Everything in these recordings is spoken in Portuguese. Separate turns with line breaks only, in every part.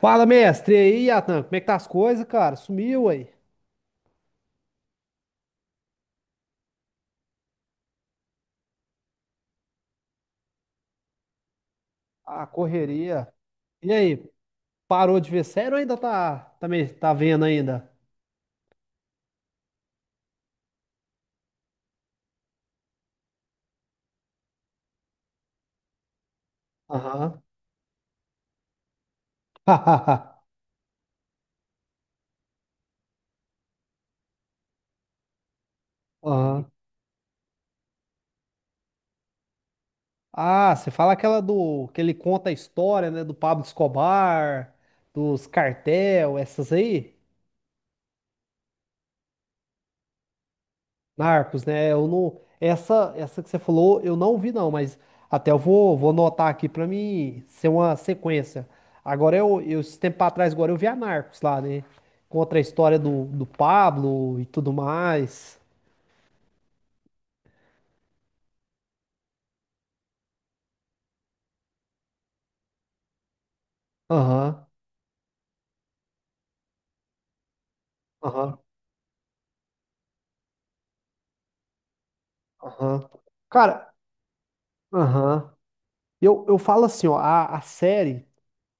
Fala, mestre. E aí, Atan, como é que tá as coisas, cara? Sumiu aí? A correria. E aí, parou de ver sério ou ainda tá, meio, tá vendo ainda? Aham. Aham. Ah, você fala aquela do, que ele conta a história, né, do Pablo Escobar, dos cartel, essas aí? Narcos, né? Eu não, essa, que você falou, eu não vi não, mas até eu vou, vou anotar aqui pra mim ser uma sequência. Agora eu, esse tempo pra trás agora eu vi a Narcos lá, né? Contra a história do, do Pablo e tudo mais. Aham, aham, aham. Cara, aham. Eu falo assim, ó, a série,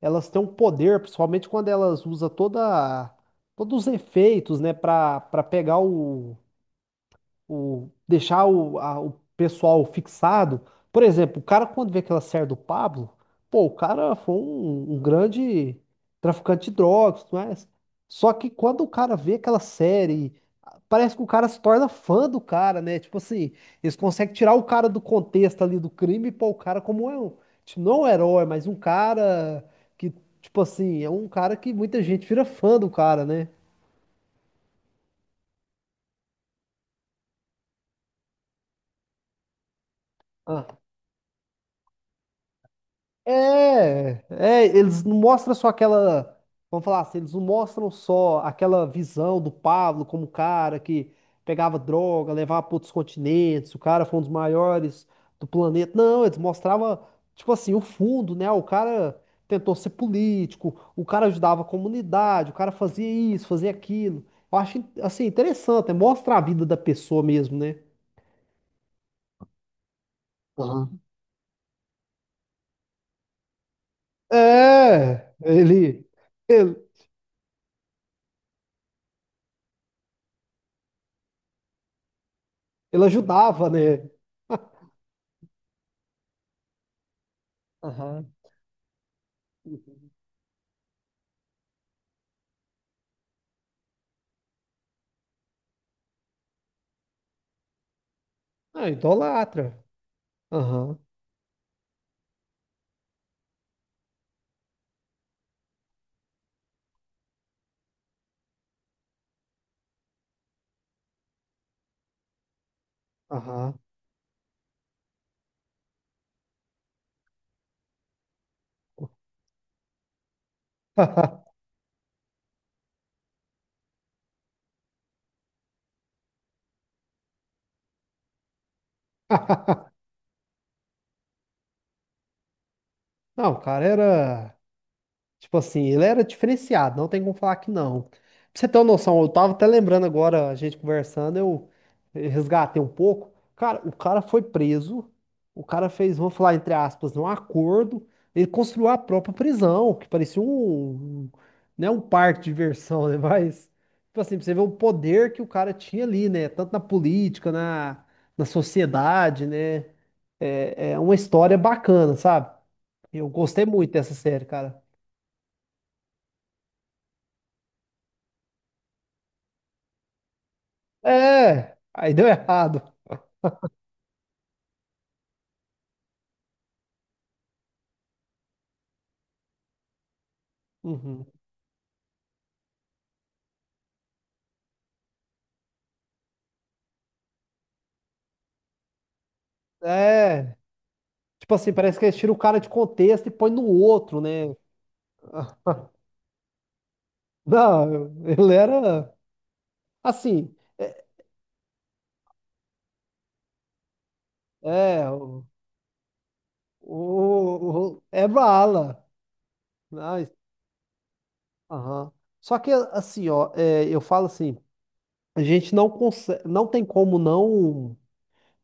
elas têm um poder, principalmente quando elas usam toda, todos os efeitos, né, pra pegar o deixar o pessoal fixado. Por exemplo, o cara quando vê aquela série do Pablo, pô, o cara foi um, um grande traficante de drogas, não é? Só que quando o cara vê aquela série, parece que o cara se torna fã do cara, né? Tipo assim, eles conseguem tirar o cara do contexto ali do crime e pôr o cara como é um, tipo, não um herói, mas um cara que, tipo assim, é um cara que muita gente vira fã do cara, né? É, é, eles não mostram só aquela, vamos falar assim, eles não mostram só aquela visão do Pablo como o cara que pegava droga, levava para outros continentes, o cara foi um dos maiores do planeta. Não, eles mostravam, tipo assim, o fundo, né? O cara tentou ser político, o cara ajudava a comunidade, o cara fazia isso, fazia aquilo. Eu acho, assim, interessante, né? Mostra a vida da pessoa mesmo, né? Aham. É, ele, ele ajudava, né? Aham. Ah, idolatra. Aham. Aham. Não, o cara era. Tipo assim, ele era diferenciado, não tem como falar que não. Pra você ter uma noção, eu tava até lembrando agora, a gente conversando, eu resgatei um pouco. Cara, o cara foi preso, o cara fez, vamos falar entre aspas, um acordo, ele construiu a própria prisão, que parecia um, um, né, um parque de diversão, né? Mas, tipo assim, pra você ver o poder que o cara tinha ali, né? Tanto na política, na, na sociedade, né? É, é uma história bacana, sabe? Eu gostei muito dessa série, cara. É, aí deu errado. Uhum. É, tipo assim, parece que eles tiram o cara de contexto e põe no outro, né? Não, ele era assim, é, é, é bala. Mas, aham. Só que assim, ó, é, eu falo assim, a gente não consegue, não tem como não.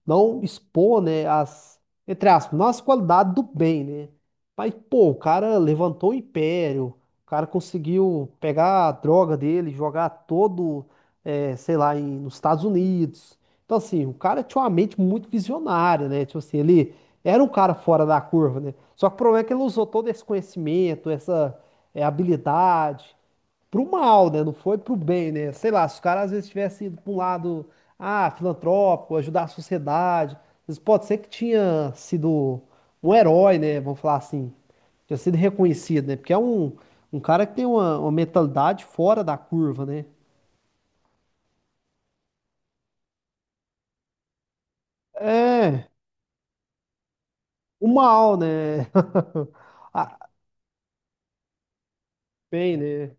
Não expor, né, as, entre aspas, não as qualidades do bem, né? Mas, pô, o cara levantou o império, o cara conseguiu pegar a droga dele, jogar todo, sei lá, em, nos Estados Unidos. Então, assim, o cara tinha uma mente muito visionária, né? Tipo assim, ele era um cara fora da curva, né? Só que o problema é que ele usou todo esse conhecimento, essa, habilidade pro mal, né? Não foi pro bem, né? Sei lá, se os caras às vezes tivessem ido pra um lado, ah, filantrópico, ajudar a sociedade, às pode ser que tinha sido um herói, né? Vamos falar assim, tinha sido reconhecido, né? Porque é um, um cara que tem uma mentalidade fora da curva, né? É, o mal, né? Ah, bem, né?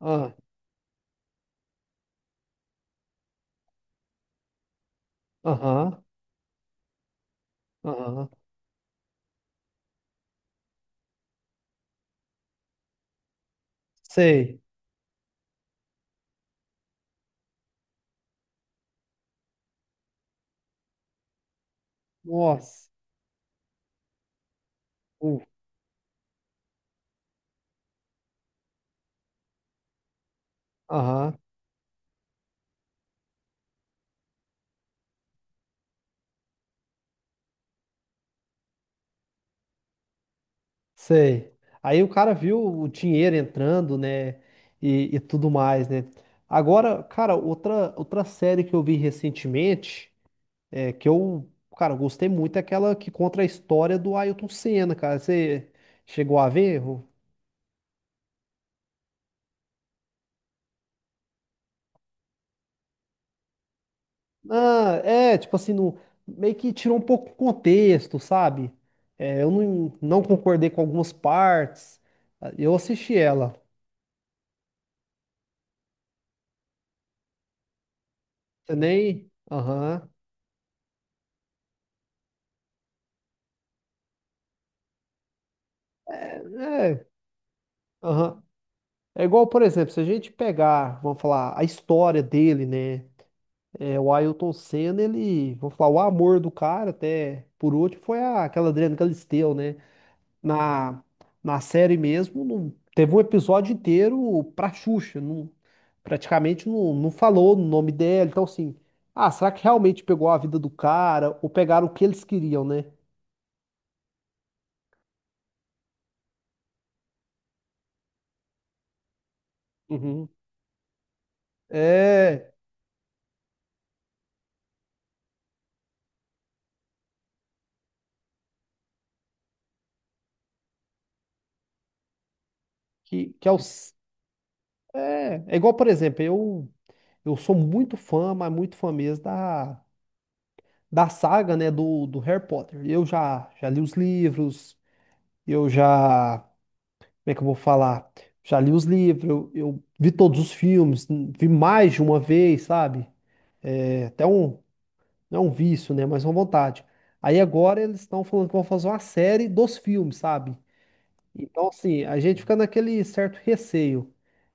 Ah, aham, aham, sei. Nossa, uh, aham. Sei. Aí o cara viu o dinheiro entrando, né? E tudo mais, né? Agora, cara, outra, outra série que eu vi recentemente, é, que eu, cara, eu gostei muito, é aquela que conta a história do Ayrton Senna, cara. Você chegou a ver? Ah, é, tipo assim, no, meio que tirou um pouco o contexto, sabe? É, eu não, não concordei com algumas partes. Eu assisti ela. Você nem. Aham. É. Aham. É igual, por exemplo, se a gente pegar, vamos falar, a história dele, né? É, o Ayrton Senna, ele, vamos falar, o amor do cara, até por último, foi aquela Adriana Galisteu, né? Na, na série mesmo, teve um episódio inteiro pra Xuxa, praticamente não, não falou no nome dela. Então, assim, ah, será que realmente pegou a vida do cara ou pegaram o que eles queriam, né? Uhum. É, que é, o, é, é igual, por exemplo, eu. Eu sou muito fã, mas muito fã mesmo da, da saga, né, do, do Harry Potter. Eu já, já li os livros, eu já, como é que eu vou falar? Já li os livros, eu vi todos os filmes, vi mais de uma vez, sabe? É até um, não é um vício, né, mas é uma vontade. Aí agora eles estão falando que vão fazer uma série dos filmes, sabe? Então, assim, a gente fica naquele certo receio.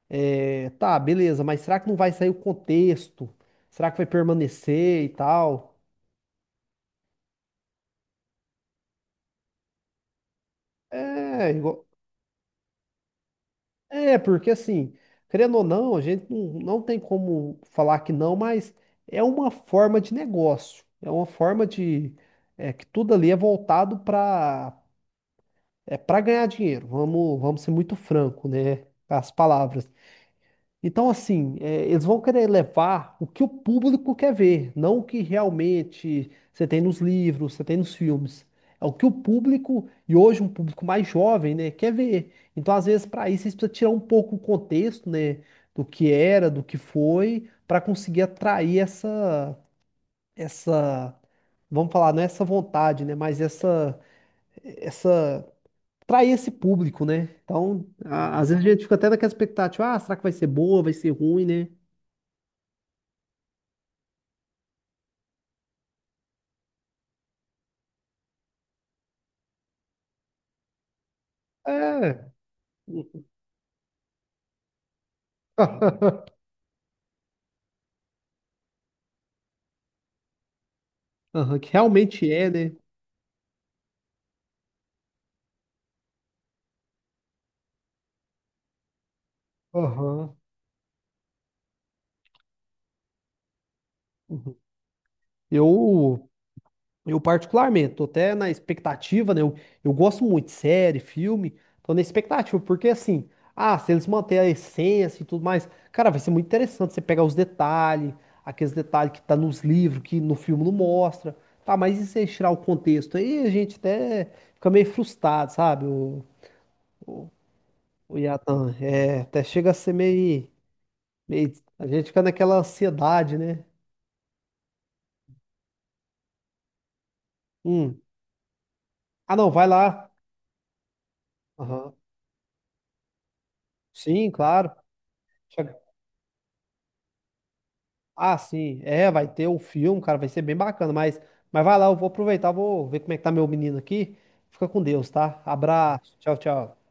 É, tá, beleza, mas será que não vai sair o contexto? Será que vai permanecer e tal? É, igual- é, porque assim, querendo ou não, a gente não, não tem como falar que não, mas é uma forma de negócio, é uma forma de, é, que tudo ali é voltado para é, para ganhar dinheiro, vamos, vamos ser muito franco, né, com as palavras. Então, assim, é, eles vão querer levar o que o público quer ver, não o que realmente você tem nos livros, você tem nos filmes. É o que o público, e hoje um público mais jovem, né, quer ver. Então, às vezes, para isso, você precisa tirar um pouco o contexto, né, do que era, do que foi, para conseguir atrair essa, essa, vamos falar, não é essa vontade, né, mas essa, atrair esse público, né? Então, às vezes a gente fica até naquela expectativa, ah, será que vai ser boa, vai ser ruim, né? É. Aham, que realmente é, né? Aham. Uhum. Eu, eu particularmente, tô até na expectativa, né? Eu gosto muito de série, filme, tô na expectativa, porque assim, ah, se eles manterem a essência e tudo mais, cara, vai ser muito interessante você pegar os detalhes, aqueles detalhes que tá nos livros, que no filme não mostra, tá? Mas e se eles tirar o contexto? Aí a gente até fica meio frustrado, sabe? O Yatan, é, até chega a ser meio. meio- a gente fica naquela ansiedade, né? Hum. Ah, não, vai lá. Aham. Sim, claro. Só que- Ah, sim. É, vai ter um filme, cara, vai ser bem bacana, mas vai lá, eu vou aproveitar, vou ver como é que tá meu menino aqui. Fica com Deus, tá? Abraço. Tchau, tchau.